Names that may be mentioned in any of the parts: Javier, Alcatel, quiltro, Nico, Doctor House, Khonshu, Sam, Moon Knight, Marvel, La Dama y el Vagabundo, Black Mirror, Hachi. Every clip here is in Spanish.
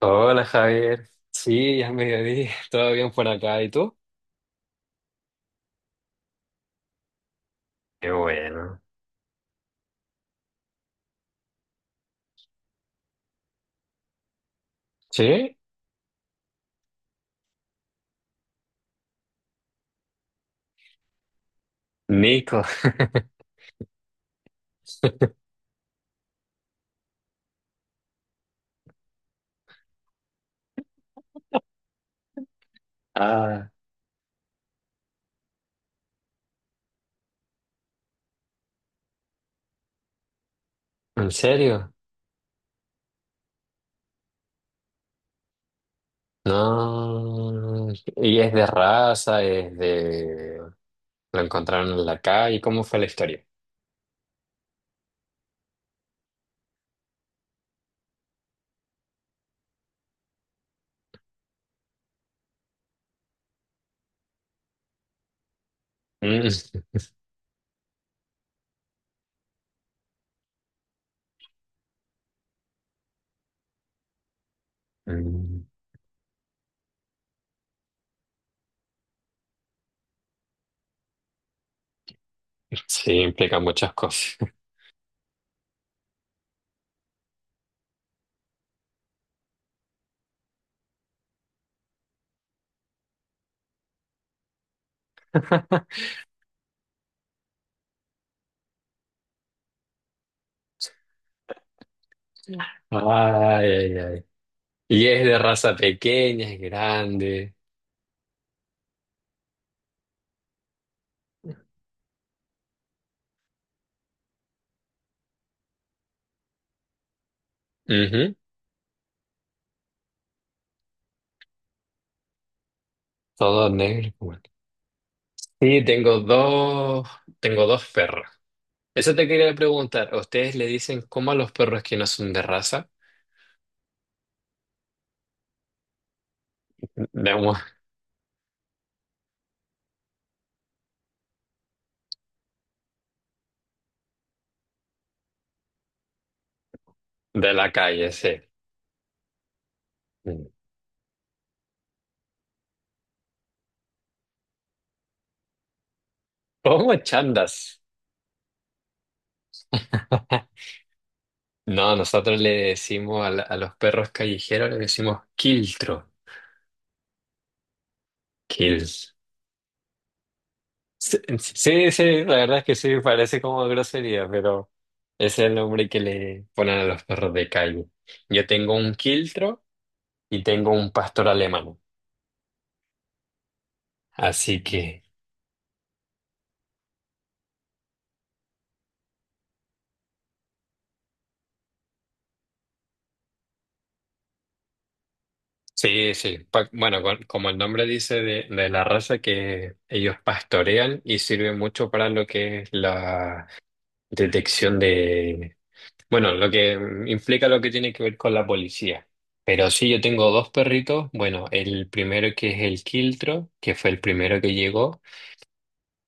Hola Javier, sí, ya es mediodía, todo bien por acá, ¿y tú? Qué bueno. ¿Sí? Nico. Ah, ¿en serio? No. ¿Y es de raza? ¿Es de... lo encontraron en la calle? ¿Cómo fue la historia? Mm. Mm, sí, implica muchas cosas. Ay, ay, ay. ¿Y es de raza pequeña, es grande? Ujú. Todo negro, bueno. Sí, tengo dos perros. Eso te quería preguntar. ¿A ustedes le dicen cómo a los perros que no son de raza? De, mu- de la calle, sí. Mm. ¿Cómo chandas? No, nosotros le decimos a, la- a los perros callejeros le decimos quiltro. Kills. Sí, sí, sí, la verdad es que sí, parece como grosería, pero ese es el nombre que le ponen a los perros de calle. Yo tengo un quiltro y tengo un pastor alemán. Así que... Sí, sí. Bueno, como el nombre dice, de, la raza que ellos pastorean, y sirve mucho para lo que es la detección de, bueno, lo que implica, lo que tiene que ver con la policía. Pero sí, yo tengo dos perritos. Bueno, el primero, que es el Quiltro, que fue el primero que llegó.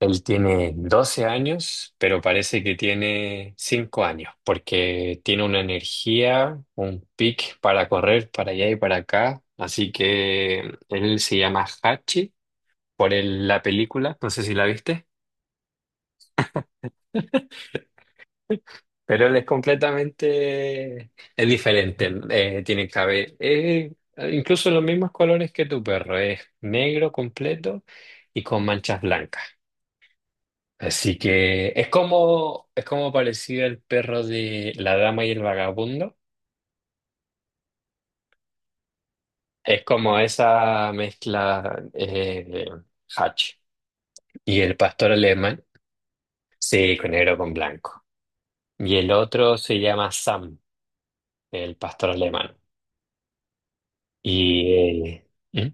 Él tiene 12 años, pero parece que tiene 5 años, porque tiene una energía, un pic para correr para allá y para acá. Así que él se llama Hachi por la película, no sé si la viste, pero él es completamente, es diferente. Tiene cabello, incluso los mismos colores que tu perro, es negro completo y con manchas blancas. Así que es como parecido el perro de La Dama y el Vagabundo. Es como esa mezcla, Hatch. Y el pastor alemán, sí, con negro con blanco. Y el otro se llama Sam, el pastor alemán. Y eh, ¿mm?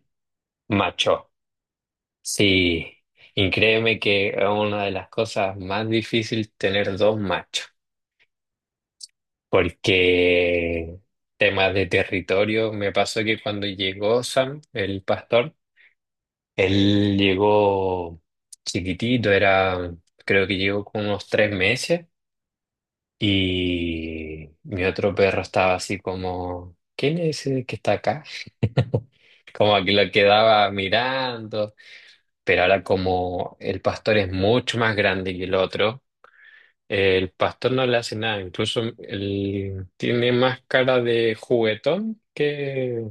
Macho, sí. Y créeme que es una de las cosas más difíciles tener dos machos. Porque temas de territorio, me pasó que cuando llegó Sam, el pastor, él llegó chiquitito, era, creo que llegó con unos 3 meses, y mi otro perro estaba así como, ¿quién es ese que está acá? Como que lo quedaba mirando, pero ahora como el pastor es mucho más grande que el otro, el pastor no le hace nada, incluso él tiene más cara de juguetón que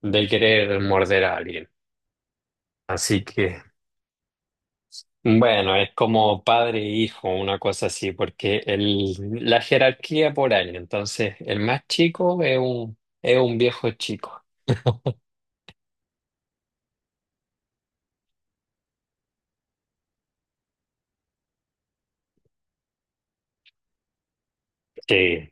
de querer morder a alguien. Así que, bueno, es como padre e hijo, una cosa así, porque la jerarquía por año. Entonces, el más chico es un viejo chico. Sí,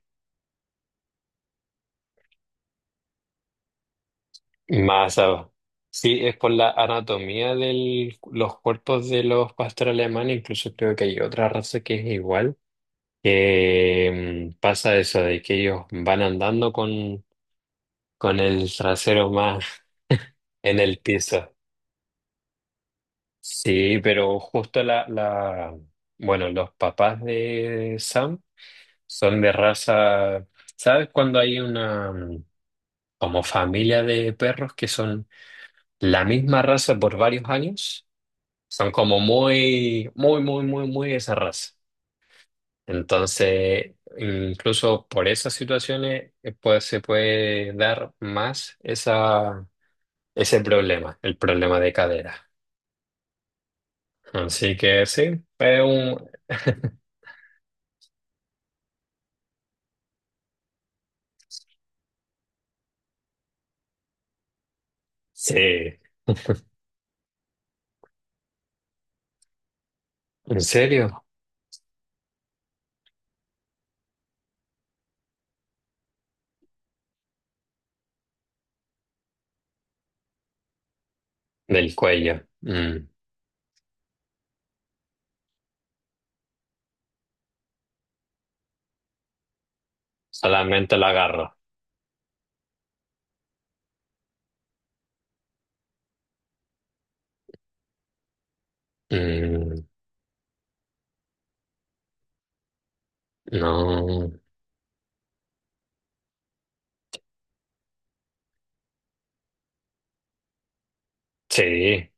más. Sí, es por la anatomía de los cuerpos de los pastores alemanes, incluso creo que hay otra raza que es igual, que pasa eso de que ellos van andando con el trasero más en el piso. Sí, pero justo bueno, los papás de Sam son de raza. ¿Sabes cuando hay una, como familia de perros que son la misma raza por varios años? Son como muy, muy, muy, muy, muy esa raza. Entonces, incluso por esas situaciones, pues, se puede dar más esa, ese problema, el problema de cadera. Así que sí, es un... Sí, ¿en serio? Del cuello. Mm. Solamente lo agarro. Mm. No, sí,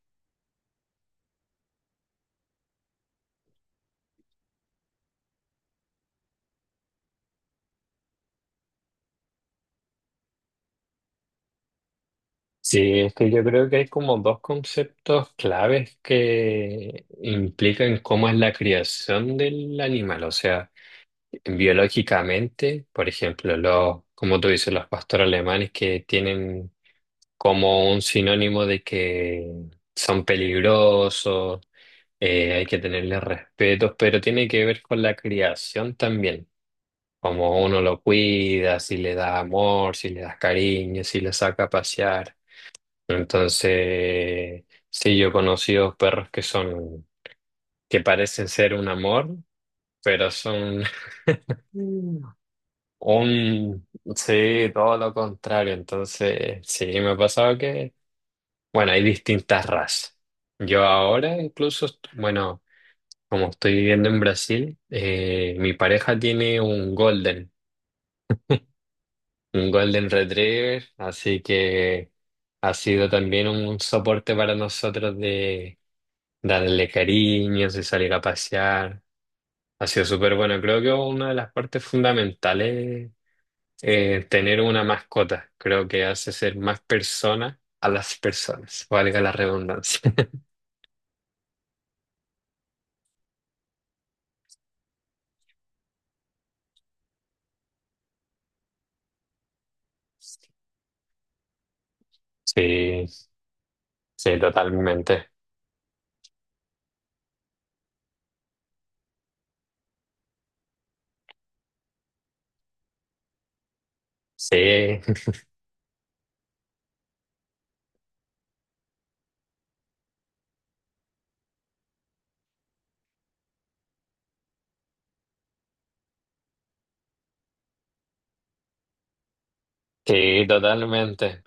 sí, es que yo creo que hay como dos conceptos claves que implican cómo es la criación del animal, o sea... biológicamente, por ejemplo, los, como tú dices, los pastores alemanes, que tienen como un sinónimo de que son peligrosos, hay que tenerles respetos, pero tiene que ver con la criación también, como uno lo cuida, si le da amor, si le das cariño, si le saca a pasear. Entonces, sí, yo he conocido perros que son, que parecen ser un amor, pero son, un, sí, todo lo contrario. Entonces, sí, me ha pasado que, bueno, hay distintas razas. Yo ahora incluso, bueno, como estoy viviendo en Brasil, mi pareja tiene un golden retriever, así que ha sido también un soporte para nosotros de darle cariños y salir a pasear. Ha sido súper bueno. Creo que una de las partes fundamentales, tener una mascota, creo que hace ser más persona a las personas, valga la redundancia. Sí, sí, totalmente. Sí, sí, totalmente.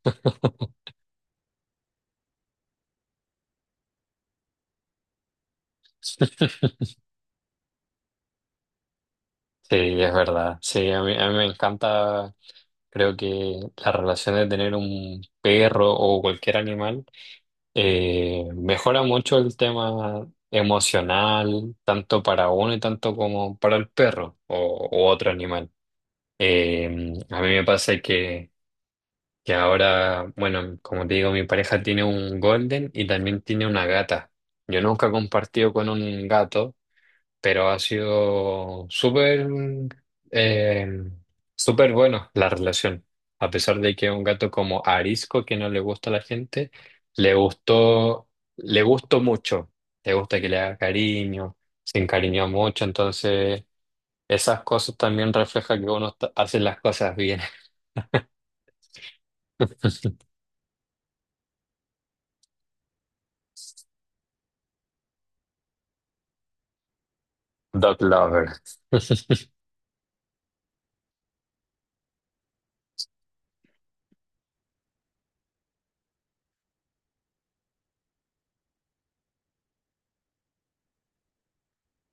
Sí, es verdad. Sí, a mí me encanta, creo que la relación de tener un perro o cualquier animal, mejora mucho el tema emocional, tanto para uno y tanto como para el perro o u otro animal. Eh, a mí me pasa que ahora, bueno, como te digo, mi pareja tiene un golden y también tiene una gata. Yo nunca he compartido con un gato, pero ha sido súper, eh, súper bueno la relación. A pesar de que es un gato como arisco que no le gusta a la gente, le gustó, le gustó mucho. Le gusta que le haga cariño, se encariñó mucho, entonces esas cosas también reflejan que uno está- hace las cosas bien. Dog lover.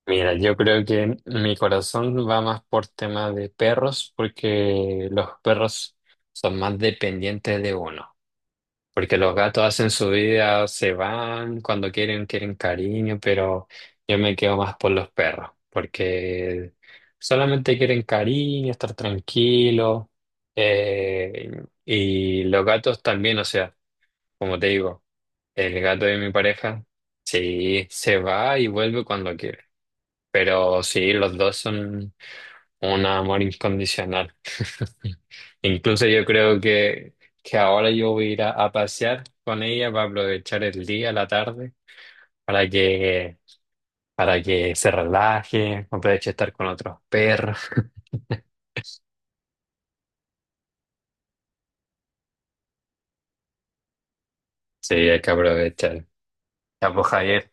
Mira, yo creo que mi corazón va más por tema de perros, porque los perros son más dependientes de uno. Porque los gatos hacen su vida, se van cuando quieren, quieren cariño, pero yo me quedo más por los perros, porque solamente quieren cariño, estar tranquilo. eh, y los gatos también, o sea, como te digo, el gato de mi pareja, sí, se va y vuelve cuando quiere. Pero sí, los dos son un amor incondicional. Incluso yo creo que ahora yo voy a ir a pasear con ella para aprovechar el día, la tarde, para que, para que se relaje, aproveche estar con otros perros. Sí, hay que aprovechar. Ya pues, Javier,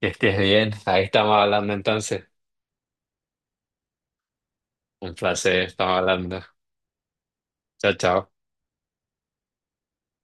que estés bien. Ahí estamos hablando entonces. Un placer, estamos hablando. Chao, chao.